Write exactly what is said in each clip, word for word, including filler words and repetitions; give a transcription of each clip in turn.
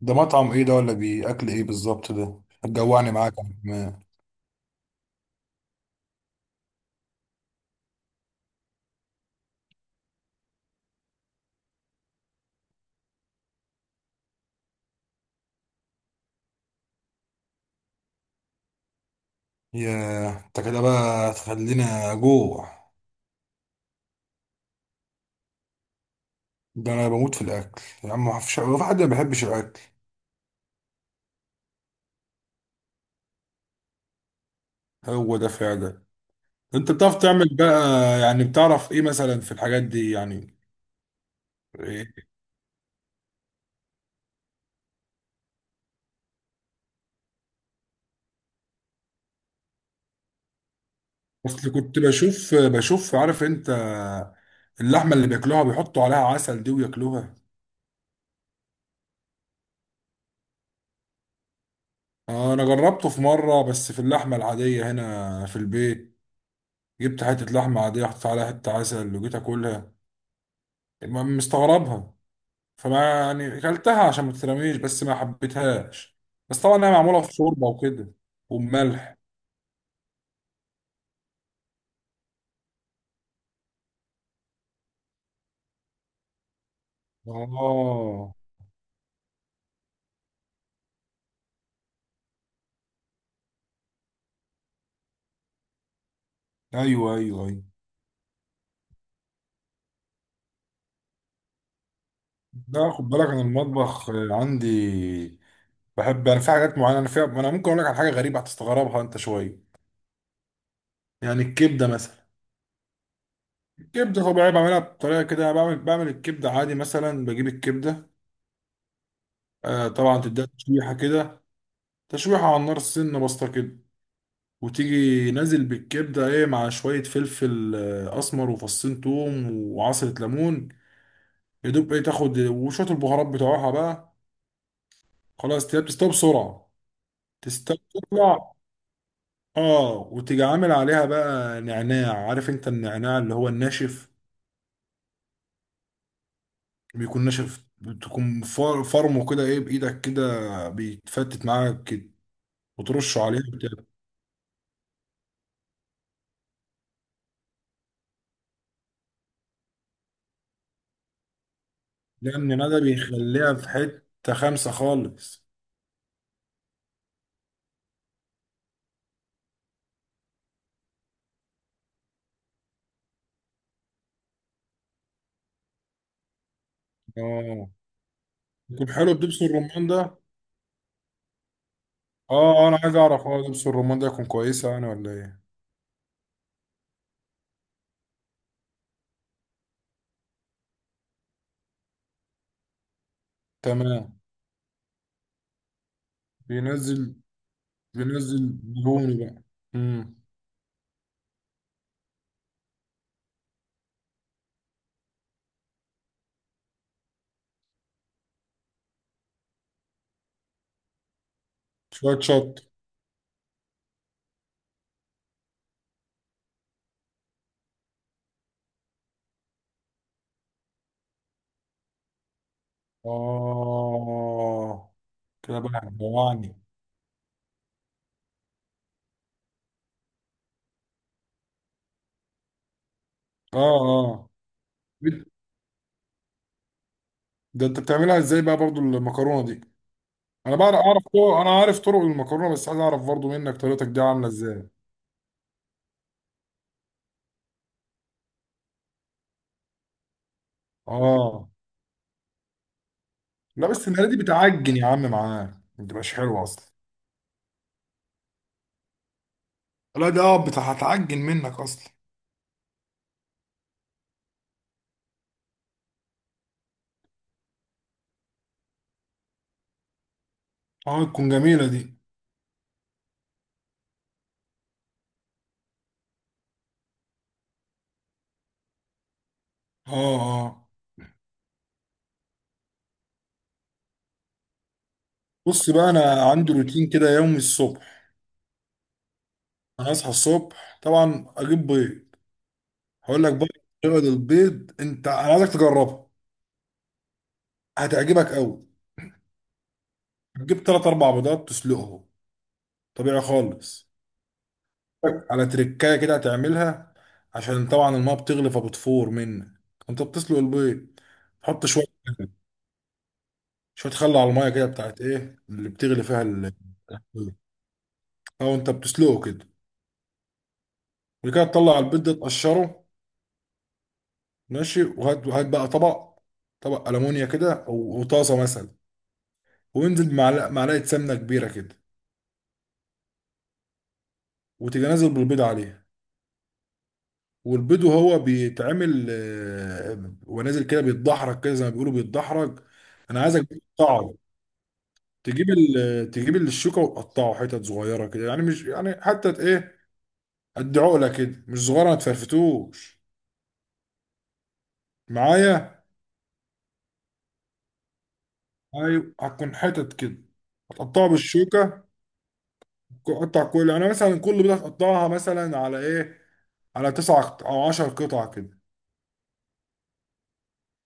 ده مطعم ايه ده؟ ولا بيأكل ايه بالظبط؟ ده هتجوعني معاك. يا عم. يا انت كده بقى تخلينا جوع. ده انا بموت في الاكل يا عم، ما فيش، هو في حد ما بيحبش الاكل؟ هو ده فعلا. انت بتعرف تعمل بقى؟ يعني بتعرف ايه مثلا في الحاجات دي يعني؟ إيه؟ اصل كنت بشوف بشوف، عارف انت اللحمه اللي بياكلوها بيحطوا عليها عسل دي وياكلوها. آه، انا جربته في مره، بس في اللحمه العاديه هنا في البيت. جبت حته لحمه عاديه، حطيت عليها حته عسل، وجيت اكلها. ما- مستغربها. فما يعني اكلتها عشان ما تترميش، بس ما حبيتهاش. بس طبعا هي معموله في شوربه وكده، وملح. اه، ايوه، ايوه، ايوه. لا، خد بالك انا المطبخ عندي. بحب انا في حاجات معينه انا فيها. انا ممكن اقول لك على حاجه غريبه هتستغربها انت شويه. يعني الكبده مثلا. الكبده طبيعي بعملها بطريقه كده. أنا بعمل بعمل الكبده عادي مثلا، بجيب الكبده. آه طبعا تديها تشويحه كده. تشويحه على النار سنه بسيطه كده. وتيجي نازل بالكبدة ايه، مع شوية فلفل آه، أسمر، وفصين توم، وعصرة ليمون. يدوب ايه تاخد وشوية البهارات بتوعها بقى. خلاص، تلاقيها بتستوي بسرعة. تستوي تطلع. اه، وتيجي عامل عليها بقى نعناع، عارف انت النعناع اللي هو الناشف؟ بيكون ناشف، بتكون فار- فرمه كده ايه بإيدك كده، بيتفتت معاك كده. وترشه عليها بتاع. لأن ده بيخليها في حتة خمسة خالص. اه، يكون حلو بدبس الرمان ده. اه، انا عايز اعرف، اه لبس الرمان ده يكون كويسه يعني ولا ايه؟ تمام. بينزل. بينزل دهون بقى. امم. شويه شط. اه، كده بقى جوعني. اه، اه. ده انت بتعملها ازاي بقى برضو المكرونه دي؟ انا بعرف اعرف طرق، انا عارف طرق المكرونه، بس عايز اعرف برضو منك طريقتك دي عامله ازاي. اه، لا، بس المره دي بتعجن يا عم معاك. ما بتبقاش حلوه اصلا. لا، ده بتاع- هتعجن منك اصلا. اه، تكون جميله دي. اه، اه. بص بقى، انا عندي روتين كده يومي الصبح. انا اصحى الصبح طبعا، اجيب بيض. هقول لك بقى طريقه البيض. انت انا عايزك تجربها. هتعجبك قوي. تجيب ثلاث اربع بيضات، تسلقهم. طبيعي خالص. على تركايه كده هتعملها. عشان طبعا الماء بتغلي فبتفور منك. انت بتسلق البيض. تحط شويه، شويه خل على الميه كده بتاعت ايه اللي بتغلي فيها البيض. او انت بتسلقه كده. وبعد كده تطلع البيض ده تقشره. ماشي. وهات وهات بقى طبق. طبق ألمونيا كده، أو وطاسة مثلا. وانزل بمعلقة معلقة سمنة كبيرة كده. وتيجي نازل بالبيض عليها. والبيض وهو بيتعمل، آه، ونازل كده بيتدحرج كده، زي ما بيقولوا بيتدحرج. أنا عايزك تقطعه. تجيب ال... تجيب الشوكة وتقطعه حتت صغيرة كده، يعني مش يعني حتى إيه. قد عقلة كده، مش صغيرة، ما تفرفتوش معايا. أيوة، هتكون حتت كده. هتقطعه بالشوكة. قطع كل يعني مثلا كل بيضة هتقطعها مثلا على إيه، على تسع قط- او عشر قطع كده.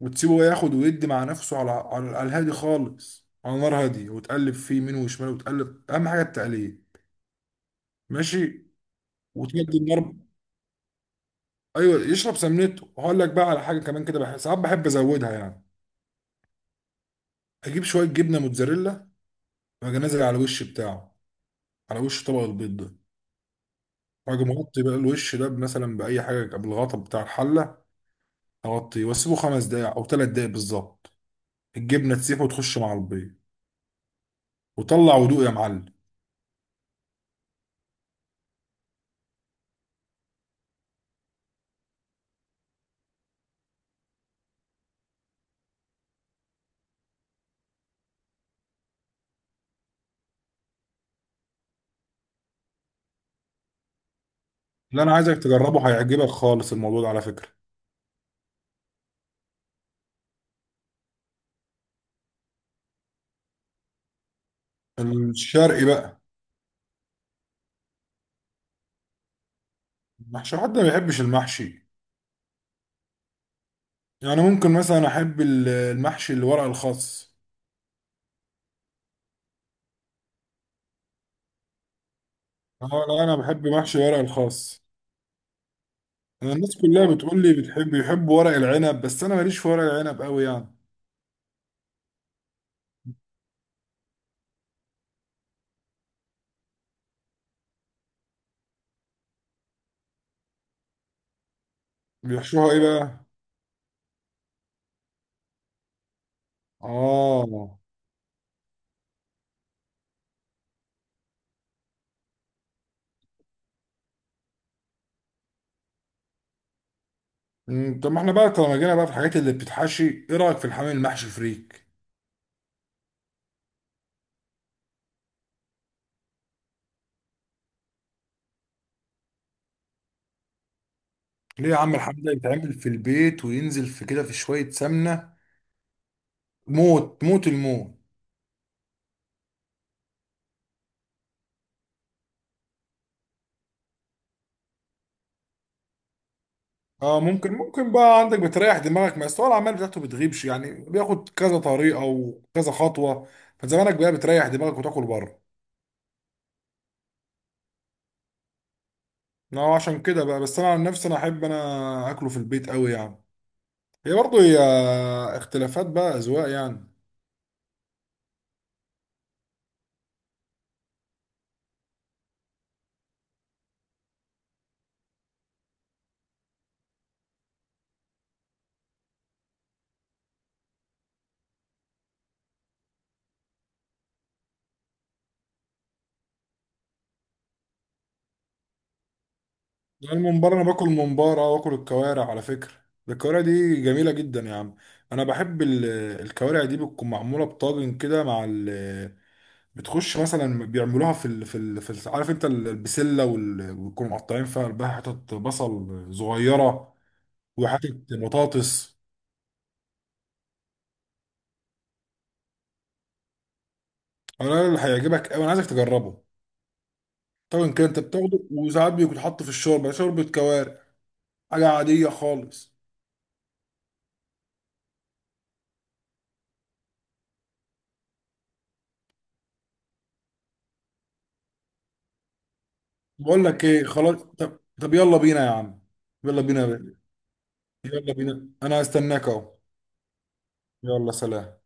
وتسيبه ياخد ويدي مع نفسه، على على على الهادي خالص، على نار هادية، وتقلب فيه يمين وشمال، وتقلب اهم حاجه التقليب. ماشي. وتهدي النار. ايوه، يشرب سمنته، وهقول لك بقى على حاجه كمان كده، بحس ساعات بحب ازودها يعني. اجيب شويه جبنه موتزاريلا. واجي نازل على الوش بتاعه، على وش طبق البيض ده. واجي مغطي بقى الوش ده، مثلا باي حاجه، بالغطا بتاع الحله. اغطيه واسيبه خمس دقايق او ثلاث دقايق بالظبط. الجبنه تسيح وتخش مع البيض. وطلع ودوق يا معلم. اللي انا عايزك تجربه هيعجبك خالص، الموضوع ده على فكرة. الشرقي بقى. محشي، حد ما بيحبش المحشي؟ يعني ممكن مثلا احب ال- المحشي اللي ورق الخاص. اه، لا، انا بحب محشي ورق الخاص. أنا الناس كلها بتقول لي بتحب بيحب ورق العنب، بس انا ماليش في ورق العنب قوي يعني. بيحشوها ايه بقى؟ اه. أمم، طب ما احنا بقى طالما جينا بقى في الحاجات اللي بتتحشي، ايه رايك في الحمام المحشي فريك؟ ليه يا عم؟ الحمام ده يتعمل في البيت، وينزل في كده في شوية سمنة. موت موت الموت. اه، ممكن ممكن بقى عندك بتريح دماغك، ما أصل هو العمال بتاعته بتغيبش يعني، بياخد كذا طريقه وكذا خطوه. فزمانك بقى بتريح دماغك وتاكل بره. اه، عشان كده بقى، بس انا عن نفسي انا احب انا اكله في البيت قوي يعني. هي برضه هي اختلافات بقى، اذواق يعني. يعني الممبار، انا باكل ممبار، اه، واكل الكوارع على فكره. ده الكوارع دي جميله جدا يا عم. انا بحب ال- الكوارع دي بتكون معموله بطاجن كده، مع ال بتخش مثلا، بيعملوها في ال... في ال... في ال... عارف انت ال- البسله وال... ويكونوا مقطعين فيها قلبها حتت بصل صغيره. وحتت بطاطس. انا اللي هيعجبك قوي، انا عايزك تجربه. طبعا كده انت بتاخده، وساعات بيكون حاطه في الشوربه، شوربه كوارع. حاجه عاديه خالص. بقول لك ايه؟ خلاص. طب طب يلا بينا يا عم. يلا بينا يا بيه. يلا بينا، انا هستناك اهو. يلا، سلام.